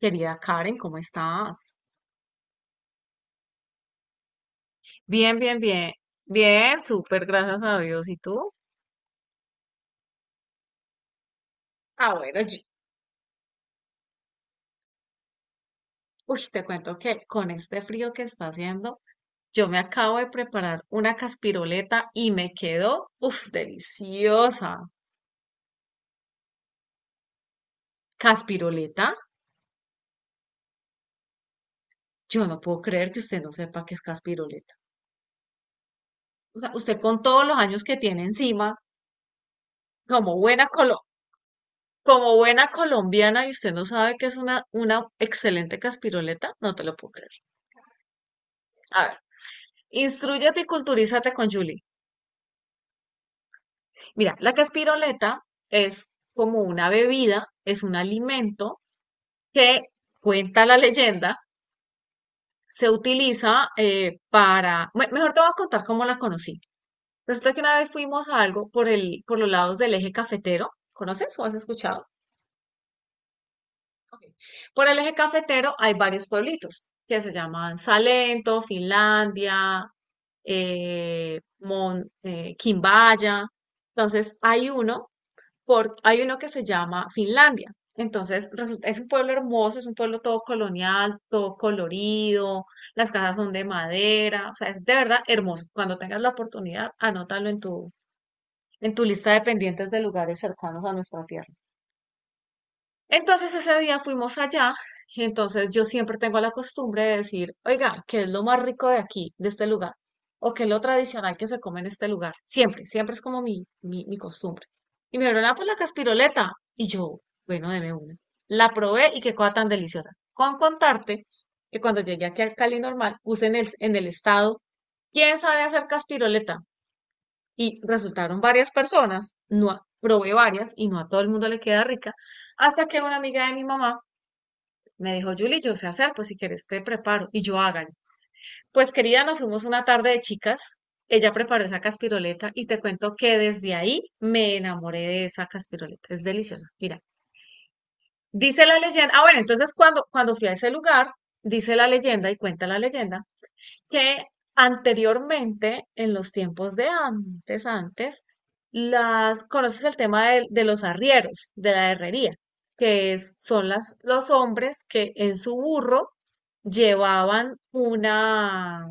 Querida Karen, ¿cómo estás? Bien, bien, bien. Bien, súper, gracias a Dios. ¿Y tú? Ah, bueno, yo- uy, te cuento que con este frío que está haciendo, yo me acabo de preparar una caspiroleta y me quedó, uff, deliciosa. ¿Caspiroleta? Yo no puedo creer que usted no sepa qué es caspiroleta. O sea, usted con todos los años que tiene encima, como buena colo- como buena colombiana, y usted no sabe que es una excelente caspiroleta, no te lo puedo creer. Instrúyete y culturízate con Julie. Mira, la caspiroleta es como una bebida, es un alimento que, cuenta la leyenda, se utiliza para... me- mejor te voy a contar cómo la conocí. Resulta que una vez fuimos a algo por el, por los lados del eje cafetero. ¿Conoces o has escuchado? Ok. Por el eje cafetero hay varios pueblitos que se llaman Salento, Finlandia, Mon- Quimbaya. Entonces, hay uno por- hay uno que se llama Finlandia. Entonces, resulta- es un pueblo hermoso, es un pueblo todo colonial, todo colorido, las casas son de madera, o sea, es de verdad hermoso. Cuando tengas la oportunidad, anótalo en tu lista de pendientes de lugares cercanos a nuestra tierra. Entonces ese día fuimos allá y entonces yo siempre tengo la costumbre de decir, oiga, ¿qué es lo más rico de aquí, de este lugar? ¿O qué es lo tradicional que se come en este lugar? Siempre, siempre es como mi costumbre. Y me dieron, ah, pues la caspiroleta. Y yo, bueno, deme una. La probé y qué cosa tan deliciosa. Con contarte que cuando llegué aquí al Cali normal, puse en el estado, ¿quién sabe hacer caspiroleta? Y resultaron varias personas, no a- probé varias y no a todo el mundo le queda rica, hasta que una amiga de mi mamá me dijo, Julie, yo sé hacer, pues si quieres te preparo y yo hagan. Pues querida, nos fuimos una tarde de chicas, ella preparó esa caspiroleta y te cuento que desde ahí me enamoré de esa caspiroleta, es deliciosa, mira. Dice la leyenda, ah bueno, entonces cuando, cuando fui a ese lugar, dice la leyenda y cuenta la leyenda que anteriormente, en los tiempos de antes, antes, las, conoces el tema de los arrieros, de la herrería, que es, son las, los hombres que en su burro llevaban una,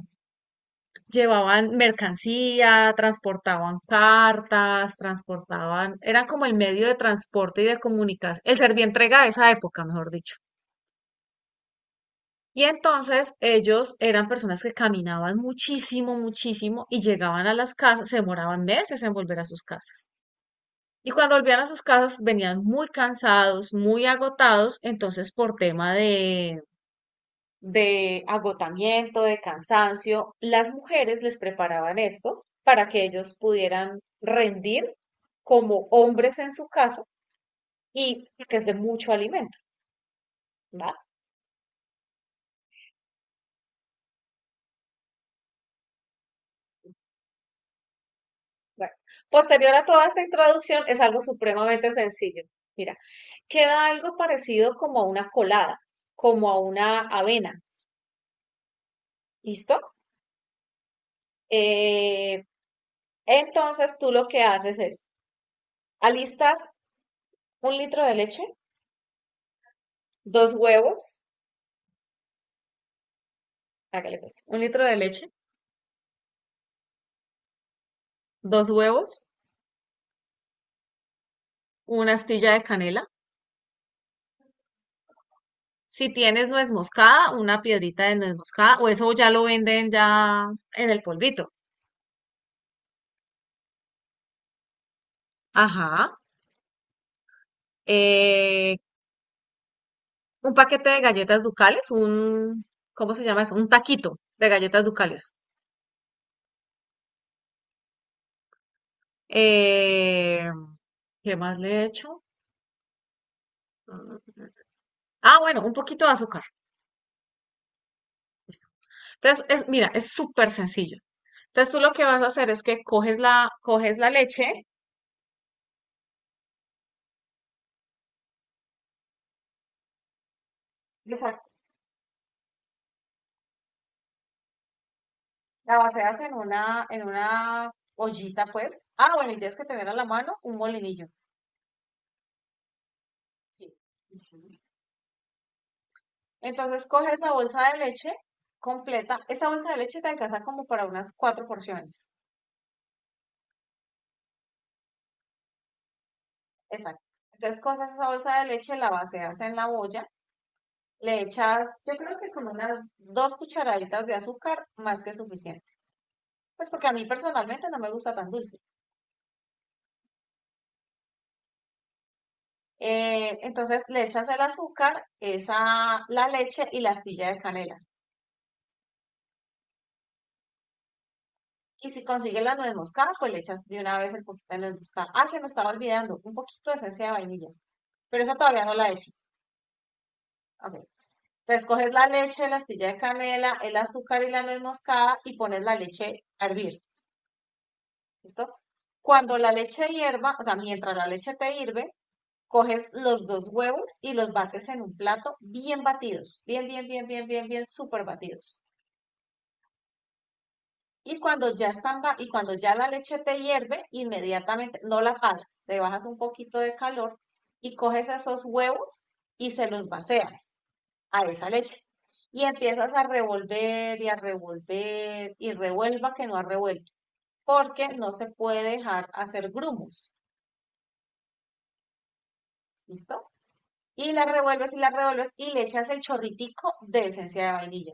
llevaban mercancía, transportaban cartas, transportaban, era como el medio de transporte y de comunicación, el entrega de esa época, mejor dicho. Y entonces ellos eran personas que caminaban muchísimo, muchísimo y llegaban a las casas, se demoraban meses en volver a sus casas. Y cuando volvían a sus casas venían muy cansados, muy agotados, entonces por tema de agotamiento, de cansancio, las mujeres les preparaban esto para que ellos pudieran rendir como hombres en su casa y que es de mucho alimento, ¿va? Bueno, posterior a toda esta introducción es algo supremamente sencillo. Mira, queda algo parecido como a una colada, como a una avena, ¿listo? Eh, entonces tú lo que haces es, alistas un litro de leche, dos huevos, hágale pues, un litro de leche, dos huevos, una astilla de canela. Si tienes nuez moscada, una piedrita de nuez moscada, o eso ya lo venden ya en el polvito. Ajá. Eh, un paquete de galletas ducales, un, ¿cómo se llama eso? Un taquito de galletas ducales. Eh, ¿Qué más le he hecho? Mm, Ah, bueno, un poquito de azúcar. Listo. Entonces, es, mira, es súper sencillo. Entonces, tú lo que vas a hacer es que coges la leche, la vacías en una ollita, pues. Ah, bueno, y tienes que tener a la mano un molinillo. Sí. Ujú. Entonces, coges la bolsa de leche completa. Esta bolsa de leche te alcanza como para unas cuatro porciones. Exacto. Entonces, con esa salsa de leche la baseas en la olla, le echas, yo creo que con unas dos cucharaditas de azúcar, más que suficiente. Pues porque a mí personalmente no me gusta tan dulce. Entonces, le echas el azúcar, esa, la leche y la astilla de canela. Y si consigues la nuez moscada, pues le echas de una vez el poquito de nuez moscada. Ah, se me estaba olvidando, un poquito de esencia de vainilla, pero esa todavía no la echas. Ok. Entonces, coges la leche, la astilla de canela, el azúcar y la nuez moscada y pones la leche a hervir. ¿Listo? Cuando la leche hierva, o sea, mientras la leche te hierve coges los dos huevos y los bates en un plato bien batidos, bien, bien, bien, bien, bien, bien, súper batidos. Y cuando ya están y cuando ya la leche te hierve, inmediatamente no la paras, le bajas un poquito de calor y coges esos huevos y se los vacías a esa leche. Y empiezas a revolver y revuelva que no ha revuelto, porque no se puede dejar hacer grumos, ¿listo? Y la revuelves y la revuelves y le echas el chorritico de esencia de vainilla.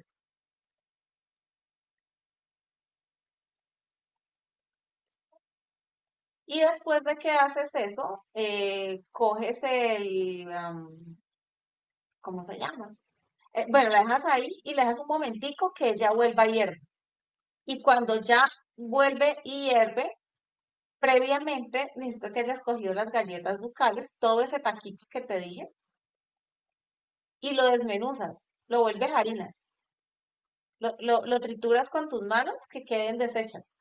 Y después de que haces eso, coges el, ¿cómo se llama? Bueno, la dejas ahí y le dejas un momentico que ella vuelva a hierve. Y cuando ya vuelve y hierve, previamente necesito que hayas cogido las galletas ducales, todo ese taquito que te dije, y lo desmenuzas, lo vuelves harinas, lo trituras con tus manos que queden deshechas.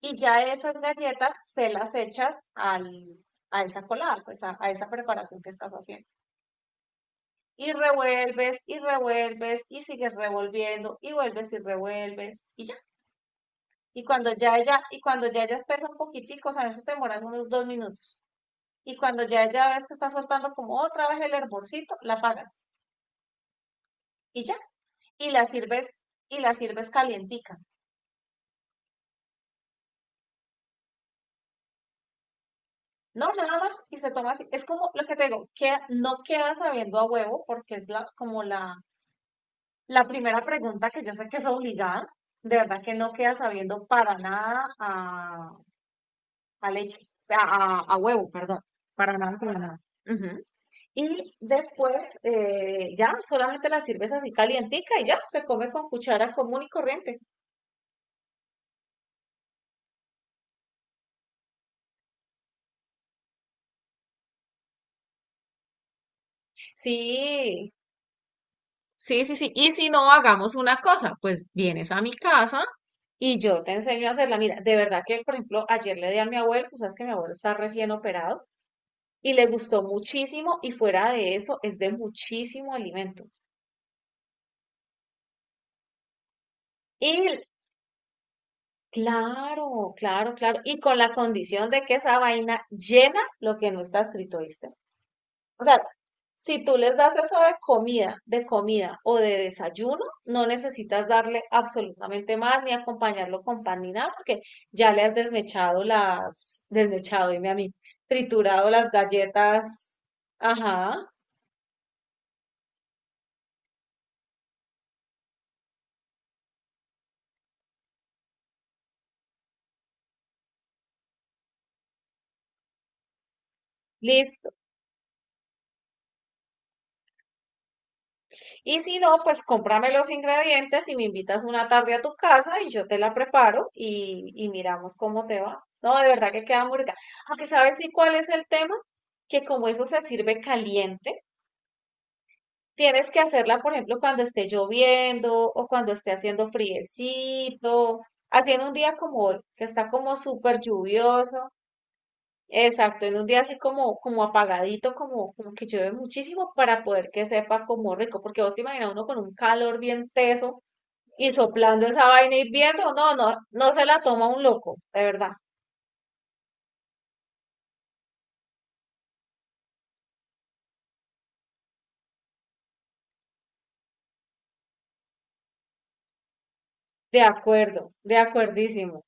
Y ya esas galletas se las echas al, a esa colada, pues a esa preparación que estás haciendo. Y revuelves y revuelves y sigues revolviendo y vuelves y revuelves y ya. Y cuando ya ella, y cuando ya ella espesa un poquitico, o sea, eso te demoras unos dos minutos. Y cuando ya ella ves que está soltando como otra vez el hervorcito, la apagas y ya. Y la sirves, y la sirves calientica. No, nada más y se toma así. Es como lo que te digo, que no queda sabiendo a huevo porque es la, como la primera pregunta que yo sé que es obligada, de verdad que no queda sabiendo para nada a, a leche, a huevo, perdón, para nada, para nada. Ujú. Y después ya solamente la sirves así calientica y ya se come con cuchara común y corriente. Sí, sí, sí, sí. Y si no, hagamos una cosa, pues vienes a mi casa y yo te enseño a hacerla. Mira, de verdad que, por ejemplo, ayer le di a mi abuelo, tú sabes que mi abuelo está recién operado. Y le gustó muchísimo y fuera de eso es de muchísimo alimento. Y claro, claro, claro, y con la condición de que esa vaina llena lo que no está escrito, ¿viste? O sea, si tú les das eso de comida o de desayuno, no necesitas darle absolutamente más ni acompañarlo con pan ni nada, porque ya le has desmechado las, desmechado, dime a mí, triturado las galletas, ajá, listo. Y si no, pues cómprame los ingredientes y me invitas una tarde a tu casa y yo te la preparo y miramos cómo te va. No, de verdad que queda muy rica. Aunque sabes sí cuál es el tema, que como eso se sirve caliente, tienes que hacerla, por ejemplo, cuando esté lloviendo o cuando esté haciendo friecito, haciendo un día como hoy, que está como súper lluvioso. Exacto, en un día así como, como apagadito, como, como que llueve muchísimo para poder que sepa como rico, porque vos te imaginas uno con un calor bien teso y soplando esa vaina hirviendo, no, no, no se la toma un loco, de verdad. De acuerdo, de acuerdísimo.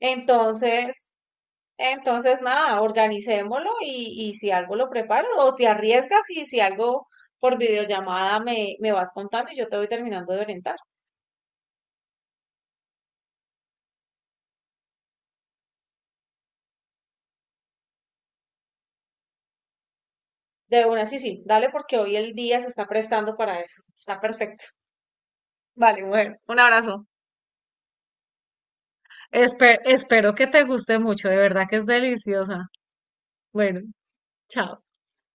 Entonces, entonces nada, organicémoslo y si algo lo preparo, o te arriesgas y si algo por videollamada me, me vas contando y yo te voy terminando de orientar. De una, sí, sí, dale porque hoy el día se está prestando para eso. Está perfecto. Vale, mujer, un abrazo. Espe- espero que te guste mucho, de verdad que es deliciosa. Bueno, chao.